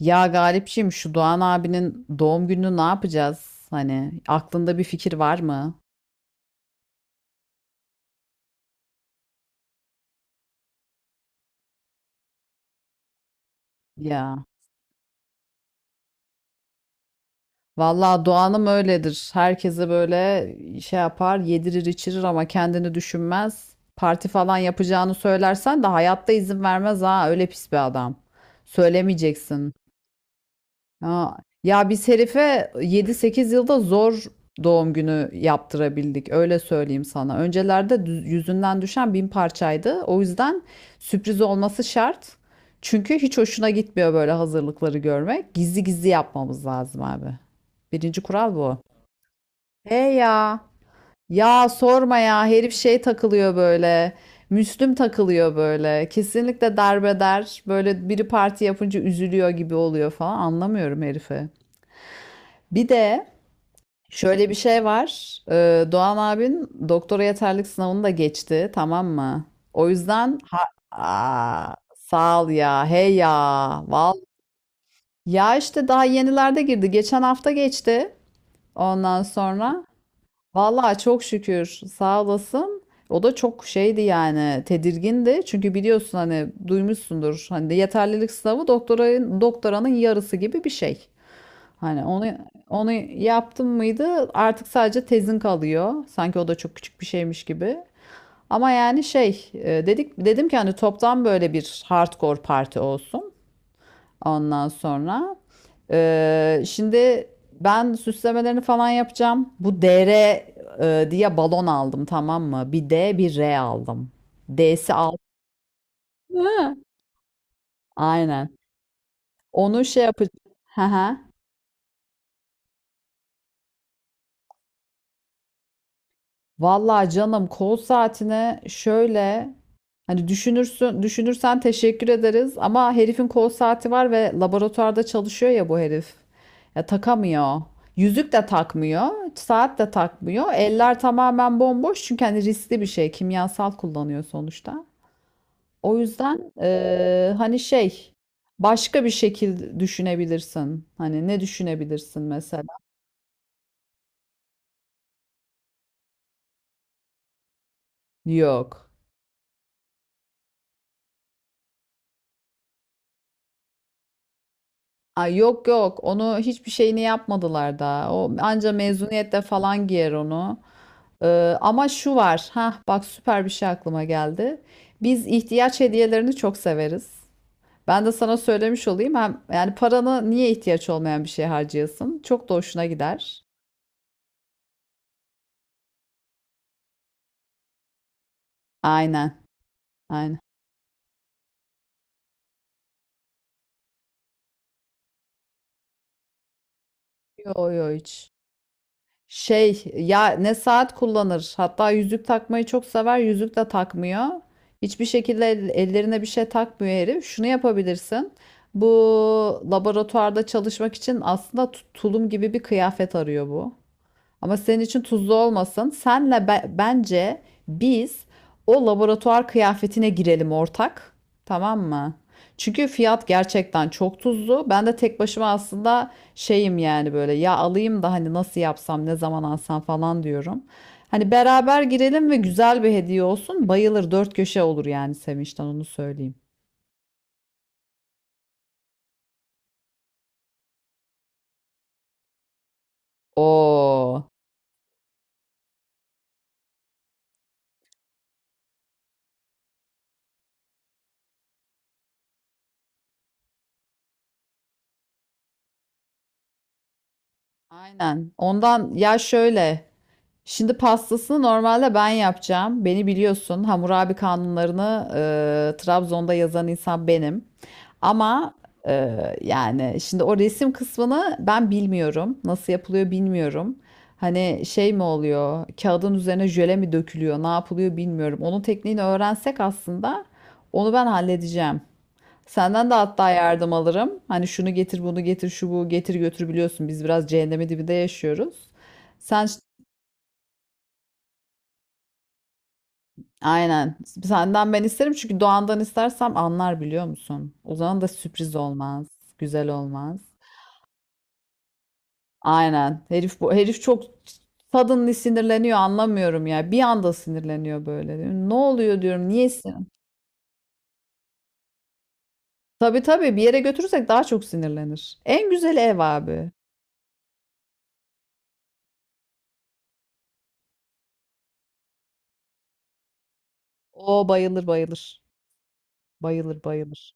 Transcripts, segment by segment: Ya Galipciğim şu Doğan abinin doğum gününü ne yapacağız? Hani aklında bir fikir var mı? Ya. Vallahi Doğan'ım öyledir. Herkese böyle şey yapar, yedirir içirir ama kendini düşünmez. Parti falan yapacağını söylersen de hayatta izin vermez ha. Öyle pis bir adam. Söylemeyeceksin. Ha, ya biz herife yedi sekiz yılda zor doğum günü yaptırabildik. Öyle söyleyeyim sana. Öncelerde yüzünden düşen bin parçaydı. O yüzden sürpriz olması şart. Çünkü hiç hoşuna gitmiyor böyle hazırlıkları görmek. Gizli gizli yapmamız lazım abi. Birinci kural bu. He ya. Ya sorma ya. Herif şey takılıyor böyle. Müslüm takılıyor böyle. Kesinlikle darbeder. Böyle biri parti yapınca üzülüyor gibi oluyor falan. Anlamıyorum herifi. Bir de şöyle bir şey var. Doğan abin doktora yeterlik sınavını da geçti, tamam mı? O yüzden ha. Aa, sağ ol ya, hey ya, val. Ya işte daha yenilerde girdi. Geçen hafta geçti. Ondan sonra vallahi çok şükür sağ olasın. O da çok şeydi yani tedirgindi. Çünkü biliyorsun hani duymuşsundur. Hani de yeterlilik sınavı doktorayın doktoranın yarısı gibi bir şey. Hani onu onu yaptın mıydı artık sadece tezin kalıyor. Sanki o da çok küçük bir şeymiş gibi. Ama yani şey dedim ki hani toptan böyle bir hardcore parti olsun. Ondan sonra şimdi ben süslemelerini falan yapacağım. Bu DR diye balon aldım tamam mı? Bir D bir R aldım. D'si altı. Aynen. Onu şey yapacağım. Vallahi canım kol saatine şöyle hani düşünürsün düşünürsen teşekkür ederiz ama herifin kol saati var ve laboratuvarda çalışıyor ya bu herif. Ya takamıyor. Yüzük de takmıyor, saat de takmıyor. Eller tamamen bomboş çünkü hani riskli bir şey, kimyasal kullanıyor sonuçta. O yüzden hani şey başka bir şekil düşünebilirsin. Hani ne düşünebilirsin mesela? Yok. Ay yok yok onu hiçbir şeyini yapmadılar da o anca mezuniyette falan giyer onu. Ama şu var ha bak süper bir şey aklıma geldi, biz ihtiyaç hediyelerini çok severiz, ben de sana söylemiş olayım hem yani paranı niye ihtiyaç olmayan bir şeye harcayasın çok da hoşuna gider. Aynen. Aynen. Yo yo hiç. Şey ya ne saat kullanır. Hatta yüzük takmayı çok sever. Yüzük de takmıyor. Hiçbir şekilde ellerine bir şey takmıyor herif. Şunu yapabilirsin. Bu laboratuvarda çalışmak için aslında tulum gibi bir kıyafet arıyor bu. Ama senin için tuzlu olmasın. Senle bence biz o laboratuvar kıyafetine girelim ortak. Tamam mı? Çünkü fiyat gerçekten çok tuzlu. Ben de tek başıma aslında şeyim yani böyle ya alayım da hani nasıl yapsam ne zaman alsam falan diyorum. Hani beraber girelim ve güzel bir hediye olsun. Bayılır dört köşe olur yani Sevinç'ten onu söyleyeyim. Oo. Aynen. Ondan ya şöyle. Şimdi pastasını normalde ben yapacağım. Beni biliyorsun. Hammurabi kanunlarını Trabzon'da yazan insan benim. Ama e, yani şimdi o resim kısmını ben bilmiyorum. Nasıl yapılıyor bilmiyorum. Hani şey mi oluyor? Kağıdın üzerine jöle mi dökülüyor? Ne yapılıyor bilmiyorum. Onun tekniğini öğrensek aslında onu ben halledeceğim. Senden de hatta yardım alırım. Hani şunu getir, bunu getir, şu bu getir götür biliyorsun. Biz biraz cehennemin dibinde yaşıyoruz. Sen. Aynen. Senden ben isterim çünkü Doğan'dan istersem anlar biliyor musun? O zaman da sürpriz olmaz. Güzel olmaz. Aynen. Bu herif çok suddenly sinirleniyor anlamıyorum ya. Bir anda sinirleniyor böyle. Ne oluyor diyorum. Niye sinir? Tabii tabii bir yere götürürsek daha çok sinirlenir. En güzeli ev abi. O bayılır bayılır. Bayılır bayılır.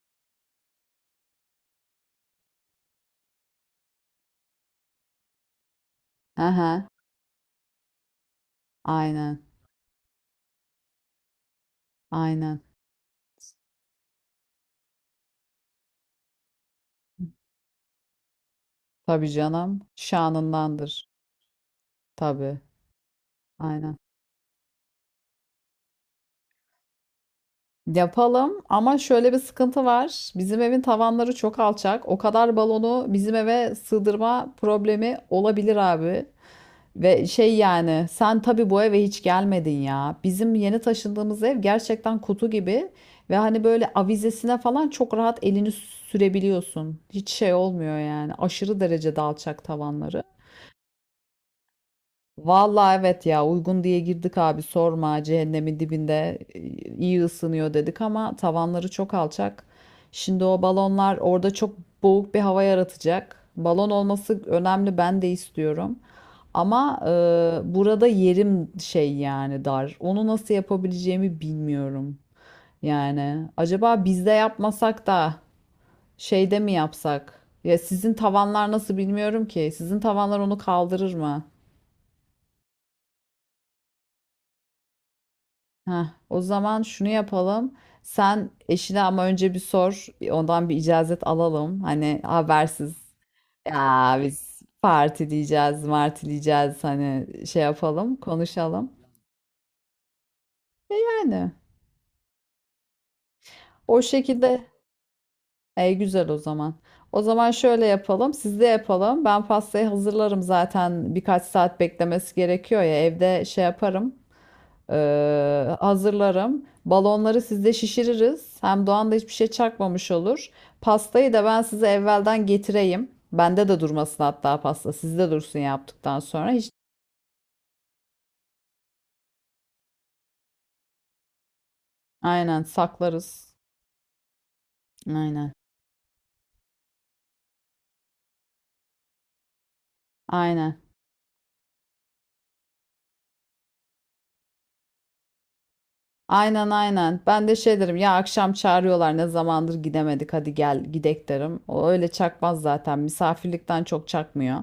Aha. Aynen. Aynen. Tabii canım. Şanındandır. Tabii. Aynen. Yapalım ama şöyle bir sıkıntı var. Bizim evin tavanları çok alçak. O kadar balonu bizim eve sığdırma problemi olabilir abi. Ve şey yani sen tabii bu eve hiç gelmedin ya. Bizim yeni taşındığımız ev gerçekten kutu gibi ve hani böyle avizesine falan çok rahat elini sürebiliyorsun. Hiç şey olmuyor yani. Aşırı derecede alçak tavanları. Vallahi evet ya uygun diye girdik abi sorma cehennemin dibinde, iyi ısınıyor dedik ama tavanları çok alçak. Şimdi o balonlar orada çok boğuk bir hava yaratacak. Balon olması önemli ben de istiyorum. Ama burada yerim şey yani dar. Onu nasıl yapabileceğimi bilmiyorum. Yani acaba bizde yapmasak da şeyde mi yapsak? Ya sizin tavanlar nasıl bilmiyorum ki. Sizin tavanlar onu kaldırır mı? Heh, o zaman şunu yapalım. Sen eşine ama önce bir sor. Ondan bir icazet alalım. Hani habersiz. Ya biz parti diyeceğiz, marti diyeceğiz. Hani şey yapalım, konuşalım. Yani o şekilde. Güzel o zaman. O zaman şöyle yapalım. Siz de yapalım. Ben pastayı hazırlarım zaten. Birkaç saat beklemesi gerekiyor ya. Evde şey yaparım. Hazırlarım. Balonları sizde şişiririz. Hem Doğan da hiçbir şey çakmamış olur. Pastayı da ben size evvelden getireyim. Bende de durmasın hatta pasta. Sizde dursun yaptıktan sonra. Hiç... Aynen saklarız. Aynen. Aynen. Aynen aynen. Ben de şey derim ya akşam çağırıyorlar ne zamandır gidemedik hadi gel gidek derim. O öyle çakmaz zaten misafirlikten çok çakmıyor.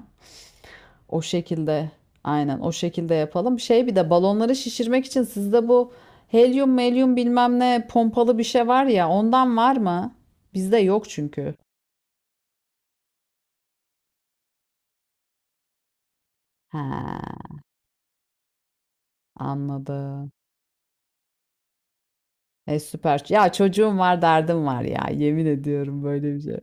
O şekilde aynen o şekilde yapalım. Şey bir de balonları şişirmek için sizde bu helyum melyum bilmem ne pompalı bir şey var ya ondan var mı? Bizde yok çünkü. Ha, anladım. E süper. Ya çocuğum var derdim var ya yemin ediyorum böyle bir şey.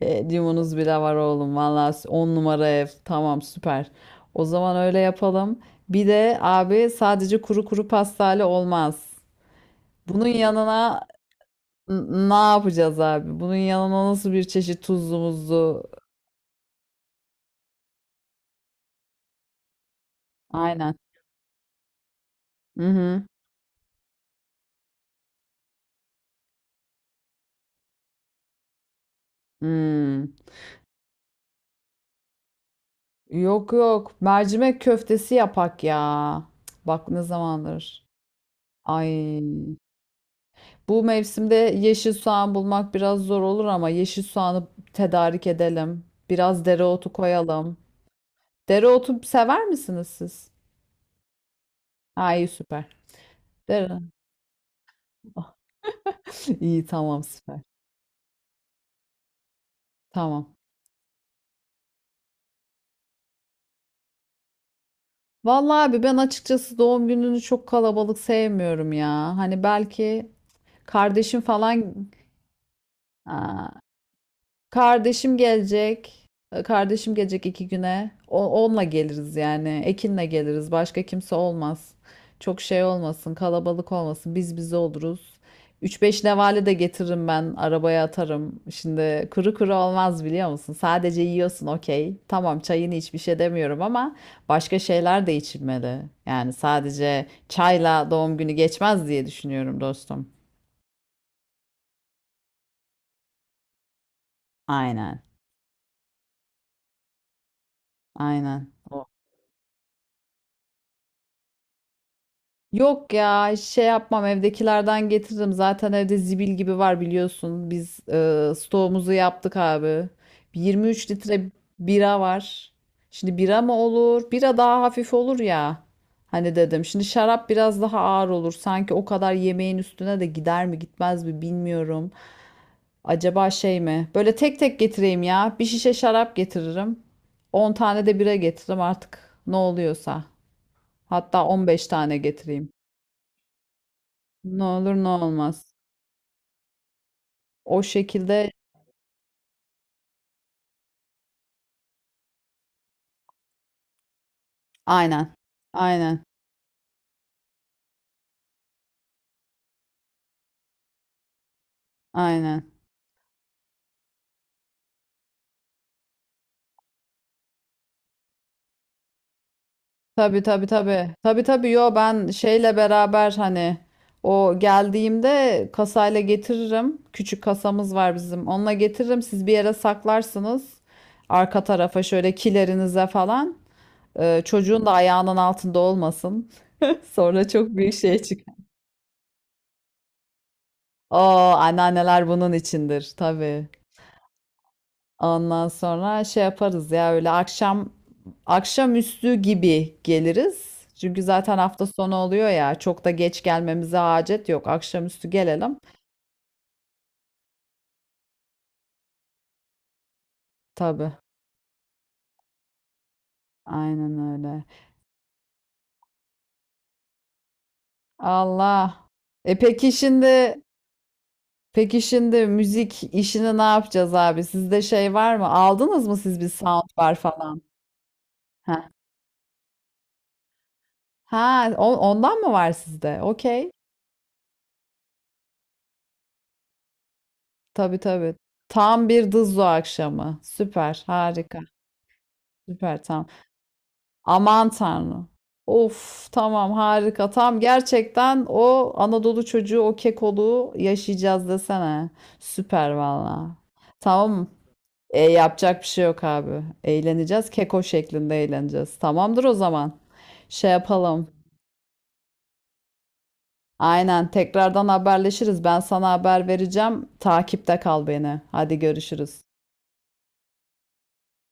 Helyumunuz bile var oğlum valla 10 numara ev tamam süper. O zaman öyle yapalım. Bir de abi sadece kuru kuru pastayla olmaz. Bunun yanına Ne yapacağız abi? Bunun yanına nasıl bir çeşit tuzlu muzlu? Aynen. Hı hı. Hmm. Yok yok. Mercimek köftesi yapak ya. Cık, bak ne zamandır. Ay. Bu mevsimde yeşil soğan bulmak biraz zor olur ama yeşil soğanı tedarik edelim. Biraz dereotu koyalım. Dereotu sever misiniz siz? Ay süper. Dere. İyi tamam süper. Tamam. Vallahi abi ben açıkçası doğum gününü çok kalabalık sevmiyorum ya. Hani belki kardeşim falan. Aa, kardeşim gelecek. Kardeşim gelecek iki güne. Onunla geliriz yani. Ekin'le geliriz. Başka kimse olmaz. Çok şey olmasın, kalabalık olmasın. Biz bize oluruz. Üç beş nevale de getiririm ben. Arabaya atarım. Şimdi kuru kuru olmaz biliyor musun? Sadece yiyorsun okey. Tamam çayını iç bir şey demiyorum ama başka şeyler de içilmeli. Yani sadece çayla doğum günü geçmez diye düşünüyorum dostum. Aynen. Aynen. Yok ya şey yapmam evdekilerden getiririm. Zaten evde zibil gibi var biliyorsun. Biz stoğumuzu yaptık abi. 23 litre bira var. Şimdi bira mı olur? Bira daha hafif olur ya. Hani dedim. Şimdi şarap biraz daha ağır olur. Sanki o kadar yemeğin üstüne de gider mi gitmez mi bilmiyorum. Acaba şey mi? Böyle tek tek getireyim ya. Bir şişe şarap getiririm, 10 tane de bira getiririm artık. Ne oluyorsa. Hatta 15 tane getireyim. Ne olur ne olmaz. O şekilde aynen. Aynen. Aynen. Tabii tabii tabii. Tabii tabii yo ben şeyle beraber hani o geldiğimde kasayla getiririm. Küçük kasamız var bizim. Onunla getiririm. Siz bir yere saklarsınız. Arka tarafa şöyle kilerinize falan. Çocuğun da ayağının altında olmasın. Sonra çok büyük şey çıkar. Oo anneanneler bunun içindir tabii. Ondan sonra şey yaparız ya öyle akşam akşamüstü gibi geliriz. Çünkü zaten hafta sonu oluyor ya. Çok da geç gelmemize hacet yok. Akşamüstü gelelim. Tabii. Aynen öyle. Allah. E peki şimdi peki şimdi müzik işini ne yapacağız abi? Sizde şey var mı? Aldınız mı siz bir soundbar falan? Ha. Ha, ondan mı var sizde? Okey. Tabii tabii. Tam bir dızlo akşamı. Süper, harika. Süper, tamam. Aman tanrım. Of tamam harika. Tam gerçekten o Anadolu çocuğu o kekoluğu yaşayacağız desene. Süper valla. Tamam. Yapacak bir şey yok abi. Eğleneceğiz. Keko şeklinde eğleneceğiz. Tamamdır o zaman. Şey yapalım. Aynen tekrardan haberleşiriz. Ben sana haber vereceğim. Takipte kal beni. Hadi görüşürüz.